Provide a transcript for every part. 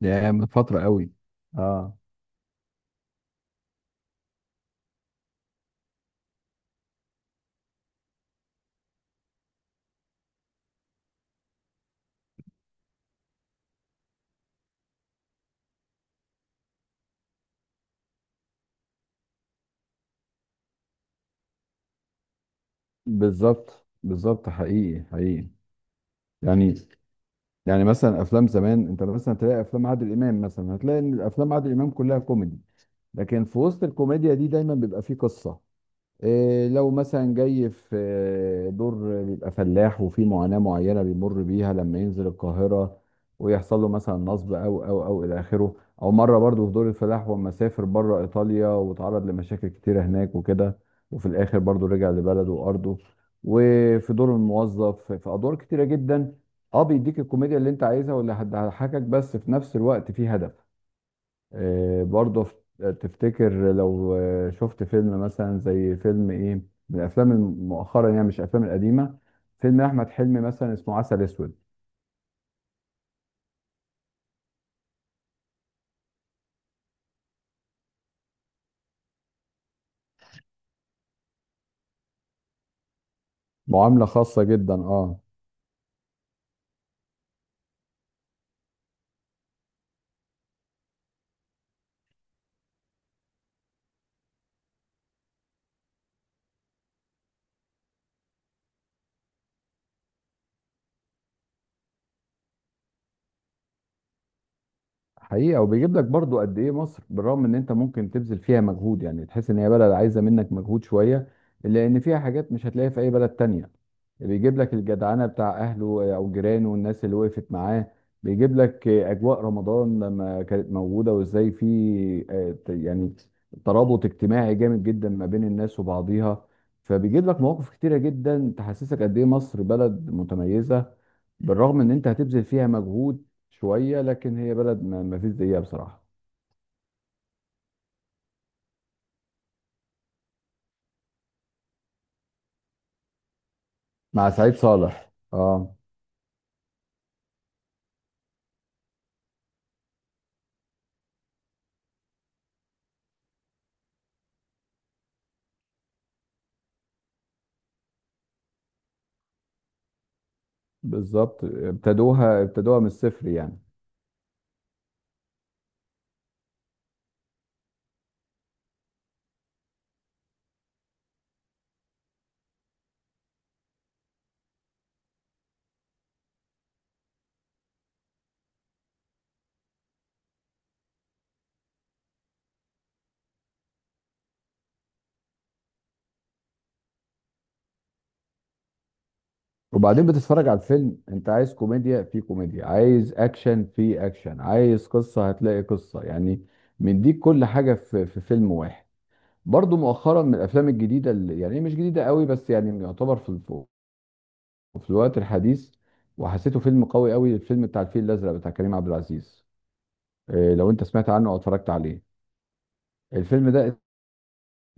يعني من فترة قوي. اه، بالظبط بالظبط، حقيقي حقيقي. يعني يعني مثلا افلام زمان، انت مثلا تلاقي افلام عادل امام، مثلا هتلاقي ان افلام عادل امام كلها كوميدي، لكن في وسط الكوميديا دي دايما بيبقى فيه قصة. إيه لو مثلا جاي في دور، بيبقى فلاح وفي معاناة معينة بيمر بيها لما ينزل القاهرة ويحصل له مثلا نصب أو إلى آخره. أو مرة برضو في دور الفلاح، وأما سافر بره إيطاليا واتعرض لمشاكل كتيرة هناك وكده، وفي الآخر برضو رجع لبلده وأرضه. وفي دور الموظف، في أدوار كتيرة جدا. أه بيديك الكوميديا اللي أنت عايزها واللي هتضحكك، بس في نفس الوقت في هدف. آه، برضه تفتكر لو شفت فيلم مثلا زي فيلم ايه، من الافلام مؤخرا، يعني مش الافلام القديمه، فيلم احمد حلمي مثلا اسمه عسل اسود. معامله خاصه جدا، اه. حقيقة، وبيجيب لك برضو قد ايه مصر، بالرغم ان انت ممكن تبذل فيها مجهود، يعني تحس ان هي بلد عايزة منك مجهود شوية، الا ان فيها حاجات مش هتلاقيها في اي بلد تانية. بيجيب لك الجدعنة بتاع اهله او جيرانه والناس اللي وقفت معاه. بيجيب لك اجواء رمضان لما كانت موجودة، وازاي في يعني ترابط اجتماعي جامد جدا ما بين الناس وبعضيها. فبيجيب لك مواقف كتيرة جدا تحسسك قد ايه مصر بلد متميزة، بالرغم ان انت هتبذل فيها مجهود شويه، لكن هي بلد ما فيش زيها بصراحه. مع سعيد صالح، اه. بالظبط، ابتدوها من الصفر يعني. وبعدين بتتفرج على الفيلم، انت عايز كوميديا في كوميديا، عايز اكشن في اكشن، عايز قصه هتلاقي قصه، يعني مديك كل حاجه في فيلم واحد. برضو مؤخرا من الافلام الجديده، اللي يعني هي مش جديده قوي، بس يعني يعتبر في في الوقت الحديث، وحسيته فيلم قوي قوي، الفيلم بتاع الفيل الازرق بتاع كريم عبد العزيز. إيه، لو انت سمعت عنه او اتفرجت عليه. الفيلم ده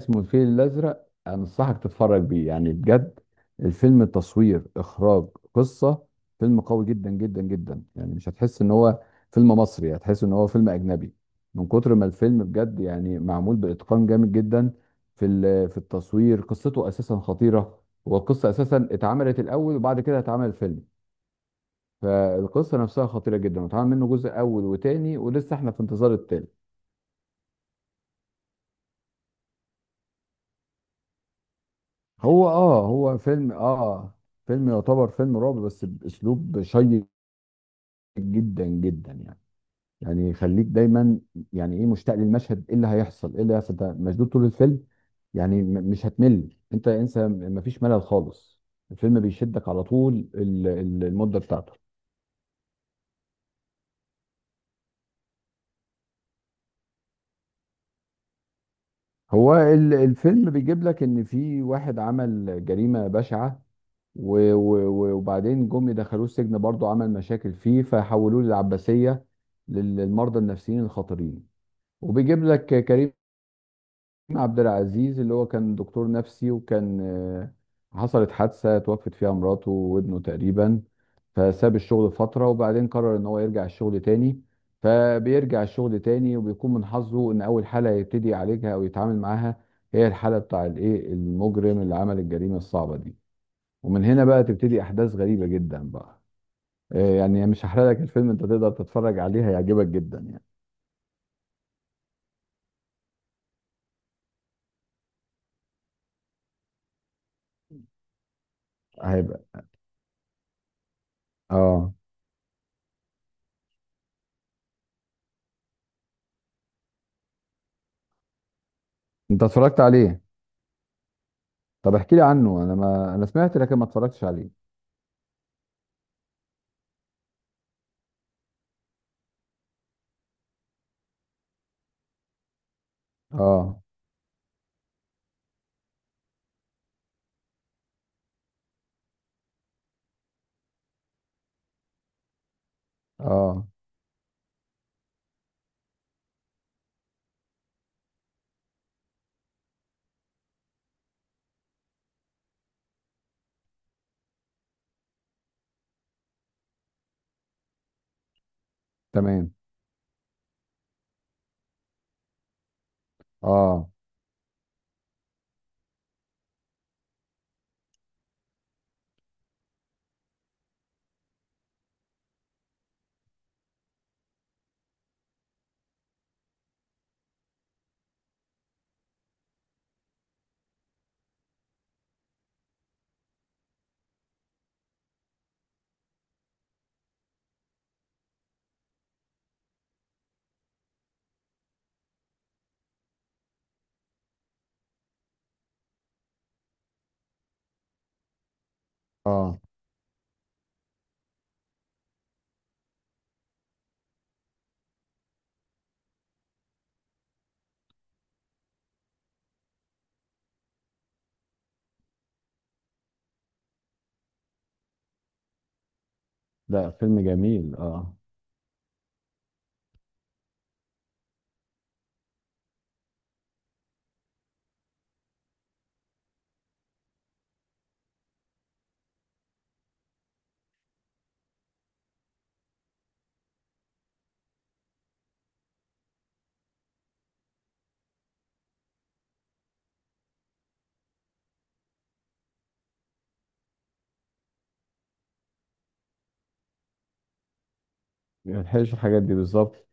اسمه الفيل الازرق، انصحك تتفرج بيه يعني بجد. الفيلم التصوير، اخراج، قصة، فيلم قوي جدا جدا جدا، يعني مش هتحس ان هو فيلم مصري، هتحس ان هو فيلم اجنبي، من كتر ما الفيلم بجد يعني معمول باتقان جامد جدا. في التصوير، قصته اساسا خطيرة. والقصة اساسا اتعملت الاول، وبعد كده اتعمل الفيلم. فالقصة نفسها خطيرة جدا، واتعمل منه جزء اول وتاني، ولسه احنا في انتظار التالت. هو فيلم، اه، فيلم يعتبر فيلم رعب بس باسلوب شيق جدا جدا، يعني يعني يخليك دايما يعني ايه مشتاق للمشهد، ايه اللي هيحصل، ايه اللي هيحصل، ده مشدود طول الفيلم. يعني مش هتمل، انت انسى، مفيش ملل خالص. الفيلم بيشدك على طول المدة بتاعته. هو الفيلم بيجيب لك ان في واحد عمل جريمة بشعة، وبعدين جم دخلوه السجن، برضه عمل مشاكل فيه فحولوه للعباسية، للمرضى النفسيين الخطيرين. وبيجيب لك كريم عبد العزيز، اللي هو كان دكتور نفسي، وكان حصلت حادثة توفت فيها مراته وابنه تقريبا، فساب الشغل فترة، وبعدين قرر ان هو يرجع الشغل تاني. فبيرجع الشغل تاني، وبيكون من حظه ان اول حالة يبتدي يعالجها او يتعامل معاها هي الحالة بتاع الايه المجرم اللي عمل الجريمة الصعبة دي. ومن هنا بقى تبتدي احداث غريبه جدا بقى. آه، يعني مش هحرق لك الفيلم، انت تقدر تتفرج عليه، هيعجبك جدا يعني. هيبقى اه. انت اتفرجت عليه؟ طب احكي لي عنه، انا ما انا سمعت لكن ما اتفرجتش عليه. اه، اه، تمام. اه، اه. لا فيلم جميل، اه. ما يلحقش الحاجات دي، بالظبط.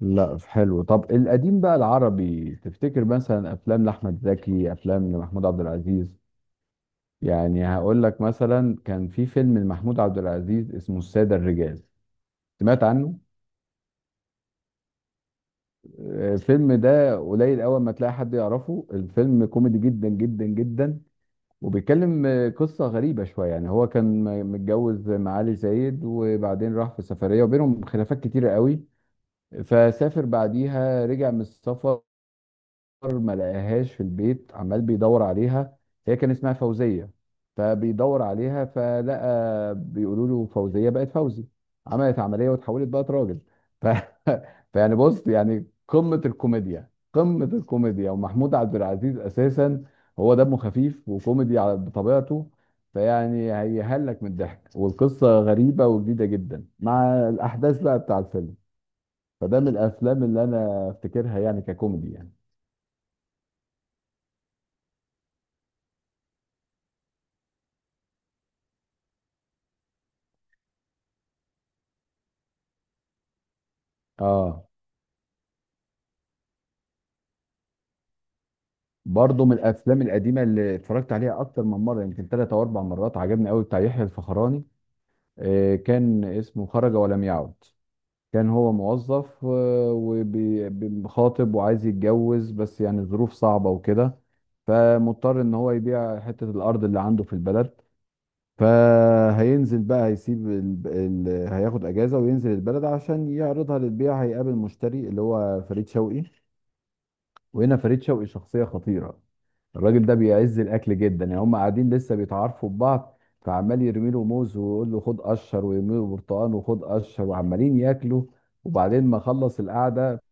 لا حلو. طب القديم بقى العربي، تفتكر مثلا افلام لاحمد زكي، افلام لمحمود عبد العزيز؟ يعني هقول لك مثلا كان في فيلم لمحمود عبد العزيز اسمه السادة الرجال، سمعت عنه؟ آه، الفيلم ده قليل اول ما تلاقي حد يعرفه، الفيلم كوميدي جدا جدا جدا، وبيتكلم، قصة غريبة شوية يعني. هو كان متجوز معالي زايد، وبعدين راح في سفرية وبينهم خلافات كتيرة قوي، فسافر بعديها رجع من السفر، ما لقاهاش في البيت، عمال بيدور عليها، هي كان اسمها فوزية، فبيدور عليها فلقى بيقولوا له فوزية بقت فوزي، عملت عملية واتحولت بقت راجل. ف... فيعني بص، يعني قمة الكوميديا قمة الكوميديا. ومحمود عبد العزيز أساسا هو دمه خفيف وكوميدي على بطبيعته، فيعني هيهلك من الضحك، والقصة غريبة وجديدة جدا مع الأحداث بقى بتاع الفيلم. فده من الأفلام اللي أنا أفتكرها يعني ككوميدي يعني. اه، برضه من الافلام القديمه اللي اتفرجت عليها اكتر من مره، يمكن ثلاث او اربع مرات، عجبني قوي بتاع يحيى الفخراني، كان اسمه خرج ولم يعد. كان هو موظف وخاطب وعايز يتجوز، بس يعني الظروف صعبه وكده، فمضطر ان هو يبيع حته الارض اللي عنده في البلد. فهينزل بقى، هيسيب هياخد اجازه وينزل البلد عشان يعرضها للبيع، هيقابل مشتري اللي هو فريد شوقي. وهنا فريد شوقي شخصية خطيرة، الراجل ده بيعز الاكل جدا، يعني هم قاعدين لسه بيتعارفوا ببعض، فعمال يرمي له موز ويقول له خد قشر، ويرمي له برتقان وخد قشر، وعمالين ياكلوا. وبعدين ما خلص القعده،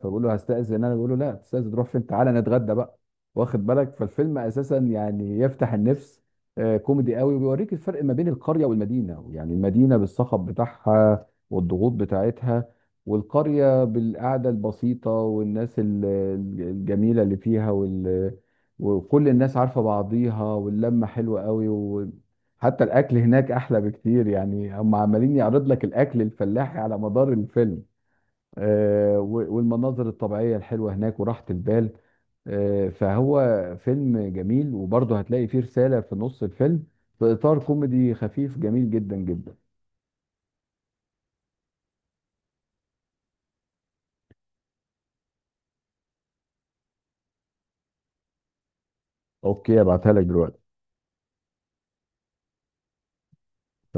فبقول له هستأذن انا، بقول له لا تستأذن تروح فين، تعالى نتغدى بقى. واخد بالك، فالفيلم اساسا يعني يفتح النفس. آه، كوميدي قوي، وبيوريك الفرق ما بين القرية والمدينة، يعني المدينة بالصخب بتاعها والضغوط بتاعتها، والقرية بالقعدة البسيطة والناس الجميلة اللي فيها، وال... وكل الناس عارفة بعضيها واللمة حلوة قوي، وحتى الأكل هناك أحلى بكتير، يعني هم عمالين يعرض لك الأكل الفلاحي على مدار الفيلم. آه، والمناظر الطبيعية الحلوة هناك وراحة البال. آه، فهو فيلم جميل، وبرضه هتلاقي فيه رسالة في نص الفيلم، في إطار كوميدي خفيف جميل جدا جدا. أوكي، أبعتها لك دلوقتي.